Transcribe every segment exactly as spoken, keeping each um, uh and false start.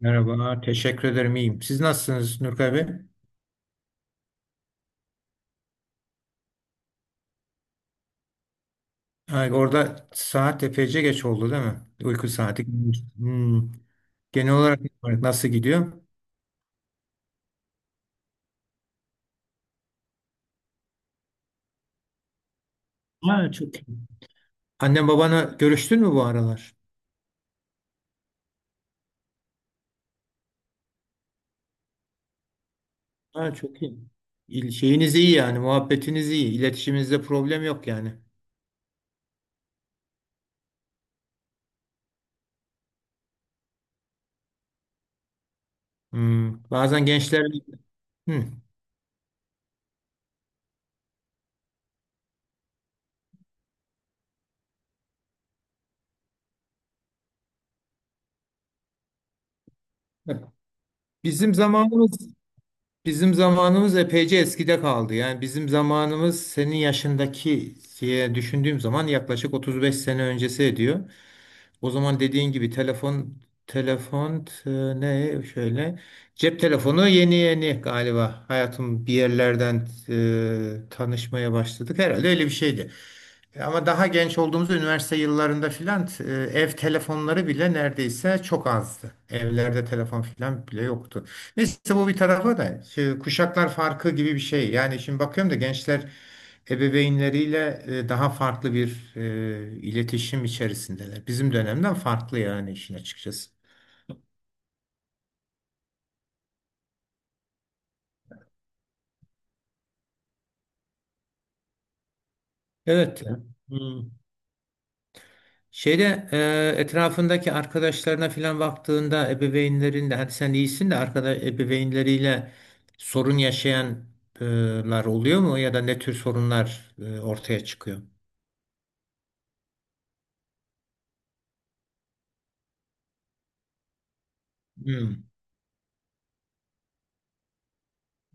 Merhaba, teşekkür ederim. İyiyim. Siz nasılsınız Nurkay Bey? Ha, orada saat epeyce geç oldu değil mi? Uyku saati. Hmm. Genel olarak nasıl gidiyor? Ha, çok iyi. Annem babana görüştün mü bu aralar? Ha, çok iyi. İl- Şeyiniz iyi yani, muhabbetiniz iyi. İletişiminizde problem yok yani. Hmm. Bazen gençler... Hmm. Bak, Bizim zamanımız bizim zamanımız epeyce eskide kaldı. Yani bizim zamanımız senin yaşındaki diye düşündüğüm zaman yaklaşık otuz beş sene öncesi ediyor. O zaman dediğin gibi telefon telefon e, ne şöyle cep telefonu yeni yeni galiba hayatım bir yerlerden e, tanışmaya başladık. Herhalde öyle bir şeydi. E, Ama daha genç olduğumuz üniversite yıllarında filan t- e, ev telefonları bile neredeyse çok azdı. Evlerde telefon filan bile yoktu. Neyse bu bir tarafa da şey, kuşaklar farkı gibi bir şey. Yani şimdi bakıyorum da gençler ebeveynleriyle e, daha farklı bir e, iletişim içerisindeler. Bizim dönemden farklı yani işin açıkçası. Evet. Ya. Hmm. Şeyde e, etrafındaki arkadaşlarına filan baktığında ebeveynlerinde hadi sen iyisin de arkadaş ebeveynleriyle sorun yaşayanlar oluyor mu ya da ne tür sorunlar e, ortaya çıkıyor? Hmm.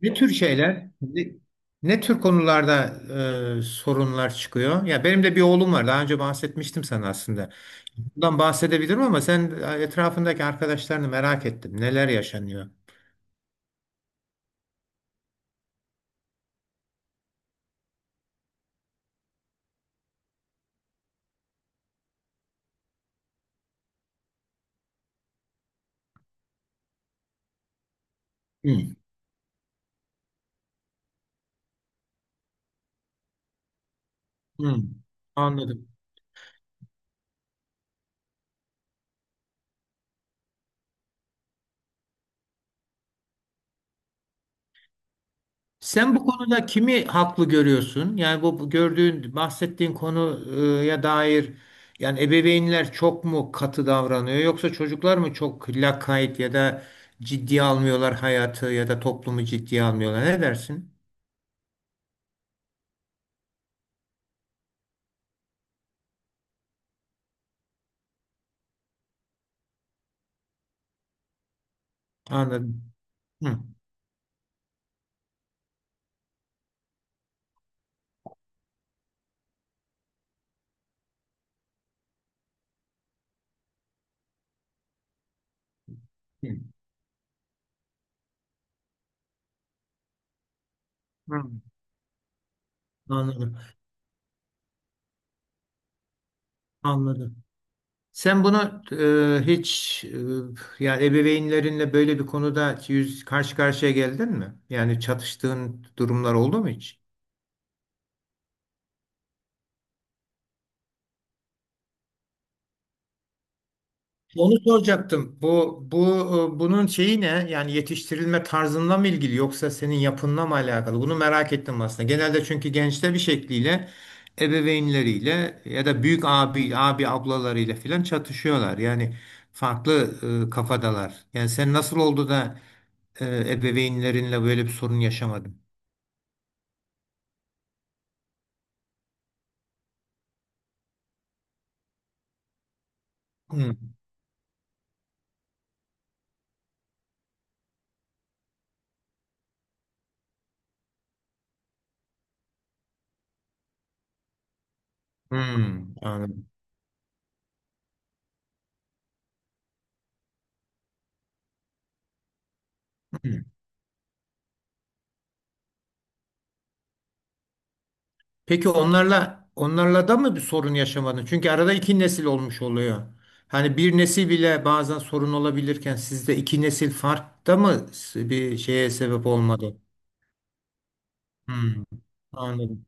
Ne tür şeyler, ne, ne tür konularda e, sorunlar çıkıyor? Ya benim de bir oğlum var. Daha önce bahsetmiştim sana aslında. Bundan bahsedebilirim ama sen e, etrafındaki arkadaşlarını merak ettim. Neler yaşanıyor? Hmm. Hmm. Anladım. Sen bu konuda kimi haklı görüyorsun? Yani bu bu gördüğün, bahsettiğin konuya dair yani ebeveynler çok mu katı davranıyor yoksa çocuklar mı çok lakayt ya da ciddiye almıyorlar hayatı ya da toplumu ciddiye almıyorlar? Ne dersin? Anladım. Hı. Hı. Hı. Anladım. Anladım. Sen bunu e, hiç e, yani ebeveynlerinle böyle bir konuda yüz karşı karşıya geldin mi? Yani çatıştığın durumlar oldu mu hiç? Onu soracaktım. Bu bu e, bunun şeyi ne? Yani yetiştirilme tarzınla mı ilgili yoksa senin yapınla mı alakalı? Bunu merak ettim aslında. Genelde çünkü gençler bir şekliyle ebeveynleriyle ya da büyük abi abi ablalarıyla filan çatışıyorlar. Yani farklı e, kafadalar. Yani sen nasıl oldu da e, ebeveynlerinle böyle bir sorun yaşamadın? Hmm, hmm, anladım. Peki onlarla onlarla da mı bir sorun yaşamadın? Çünkü arada iki nesil olmuş oluyor. Hani bir nesil bile bazen sorun olabilirken sizde iki nesil fark da mı bir şeye sebep olmadı? Hmm, anladım.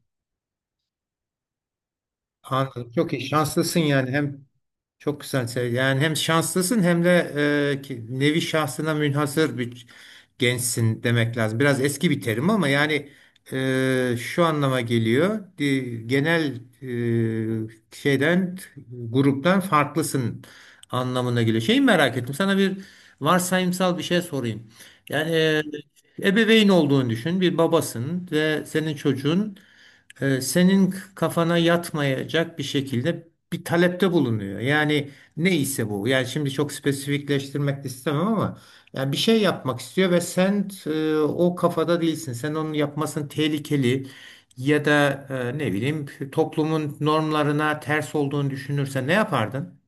Anladım. Çok iyi. Şanslısın yani. Hem Çok güzel. şey. Yani hem şanslısın hem de e, ki- nevi şahsına münhasır bir gençsin demek lazım. Biraz eski bir terim ama yani e, şu anlama geliyor. Di- Genel e, şeyden, gruptan farklısın anlamına geliyor. Şeyi merak ettim. Sana bir varsayımsal bir şey sorayım. Yani e, ebeveyn olduğunu düşün. Bir babasın ve senin çocuğun e, senin kafana yatmayacak bir şekilde bir talepte bulunuyor. Yani neyse bu. Yani şimdi çok spesifikleştirmek de istemem ama yani bir şey yapmak istiyor ve sen e, o kafada değilsin. Sen onun yapmasının tehlikeli ya da e, ne bileyim toplumun normlarına ters olduğunu düşünürsen ne yapardın?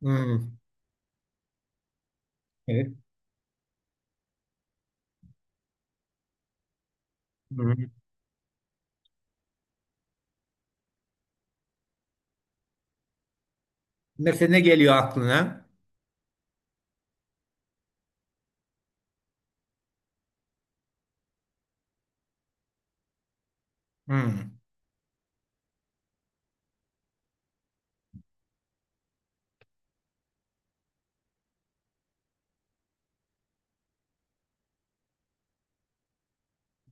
Hmm. Evet. Hmm. Mesela ne geliyor aklına? Hmm,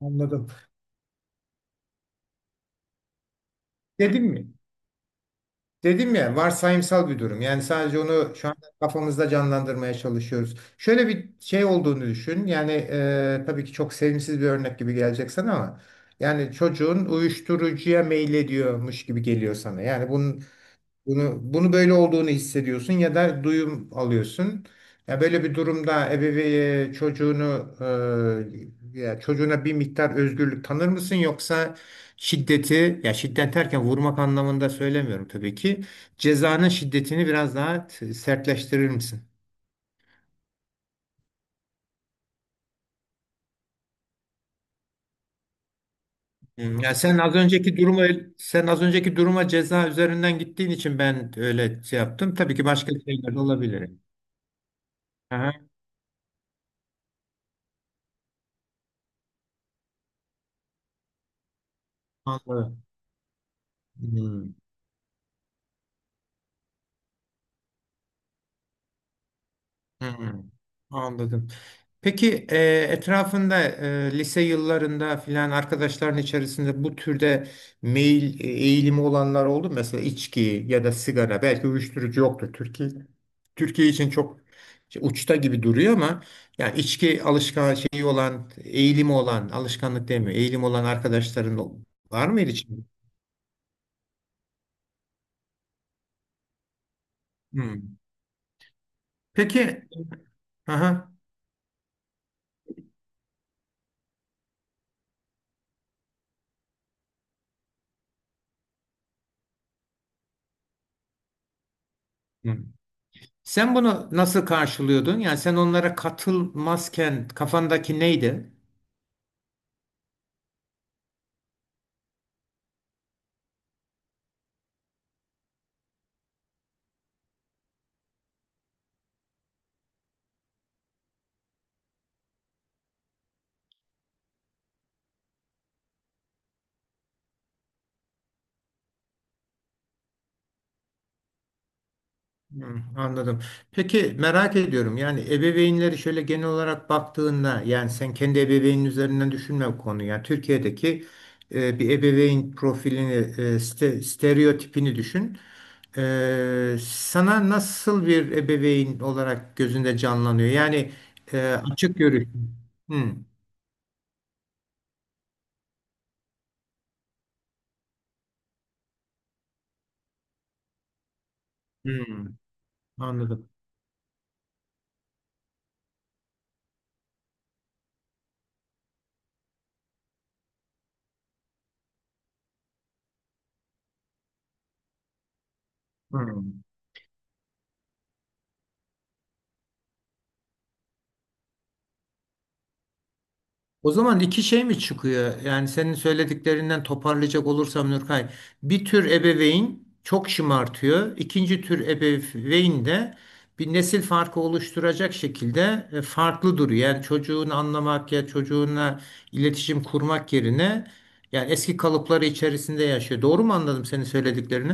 anladım. Dedim mi? Dedim ya, varsayımsal bir durum. Yani sadece onu şu an kafamızda canlandırmaya çalışıyoruz. Şöyle bir şey olduğunu düşün. Yani e, tabii ki çok sevimsiz bir örnek gibi gelecek sana ama yani çocuğun uyuşturucuya meylediyormuş gibi geliyor sana. Yani bunun bunu, bunu böyle olduğunu hissediyorsun ya da duyum alıyorsun. Ya böyle bir durumda ebeveyn çocuğunu e, ya çocuğuna bir miktar özgürlük tanır mısın yoksa şiddeti ya şiddet derken vurmak anlamında söylemiyorum tabii ki. Cezanın şiddetini biraz daha t- sertleştirir misin? Hmm. Ya sen az önceki duruma sen az önceki duruma ceza üzerinden gittiğin için ben öyle şey yaptım. Tabii ki başka şeyler de olabilir. Aha, anladım. Hmm. Hmm, anladım. Peki e, etrafında e, lise yıllarında filan arkadaşların içerisinde bu türde meyil e, eğilimi olanlar oldu mu? Mesela içki ya da sigara belki uyuşturucu yoktur Türkiye. Türkiye için çok uçta gibi duruyor ama yani içki alışkan şeyi olan eğilimi olan alışkanlık demiyor eğilim olan arkadaşların var mıydı şimdi? Hmm. Peki. Aha. Sen bunu nasıl karşılıyordun? Yani sen onlara katılmazken kafandaki neydi? Hmm, anladım. Peki merak ediyorum. Yani ebeveynleri şöyle genel olarak baktığında yani sen kendi ebeveynin üzerinden düşünme bu konuyu. Yani Türkiye'deki e, bir ebeveyn profilini, e, ste- stereotipini düşün. E, sana nasıl bir ebeveyn olarak gözünde canlanıyor? Yani e, açık görüşlü. Hmm, hmm, anladım. Hmm. O zaman iki şey mi çıkıyor? Yani senin söylediklerinden toparlayacak olursam Nurkay, bir tür ebeveyn çok şımartıyor. İkinci tür ebeveyn de bir nesil farkı oluşturacak şekilde e, farklı duruyor. Yani çocuğunu anlamak ya çocuğunla iletişim kurmak yerine yani eski kalıpları içerisinde yaşıyor. Doğru mu anladım senin söylediklerini?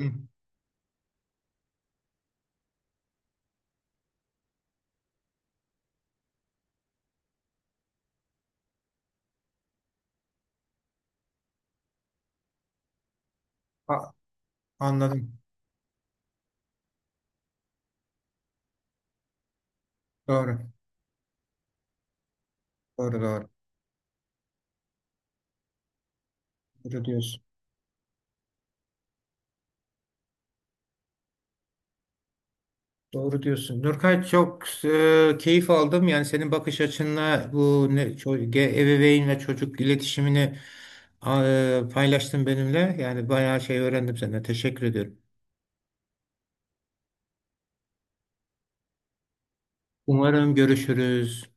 Hı, a- anladım. Doğru. Doğru doğru. Doğru diyorsun. Doğru diyorsun. Nurkay, çok e, keyif aldım. Yani senin bakış açınla bu ne, ço- ge- ebeveyn ve çocuk iletişimini e, paylaştın benimle. Yani bayağı şey öğrendim senden. Teşekkür ediyorum. Umarım görüşürüz.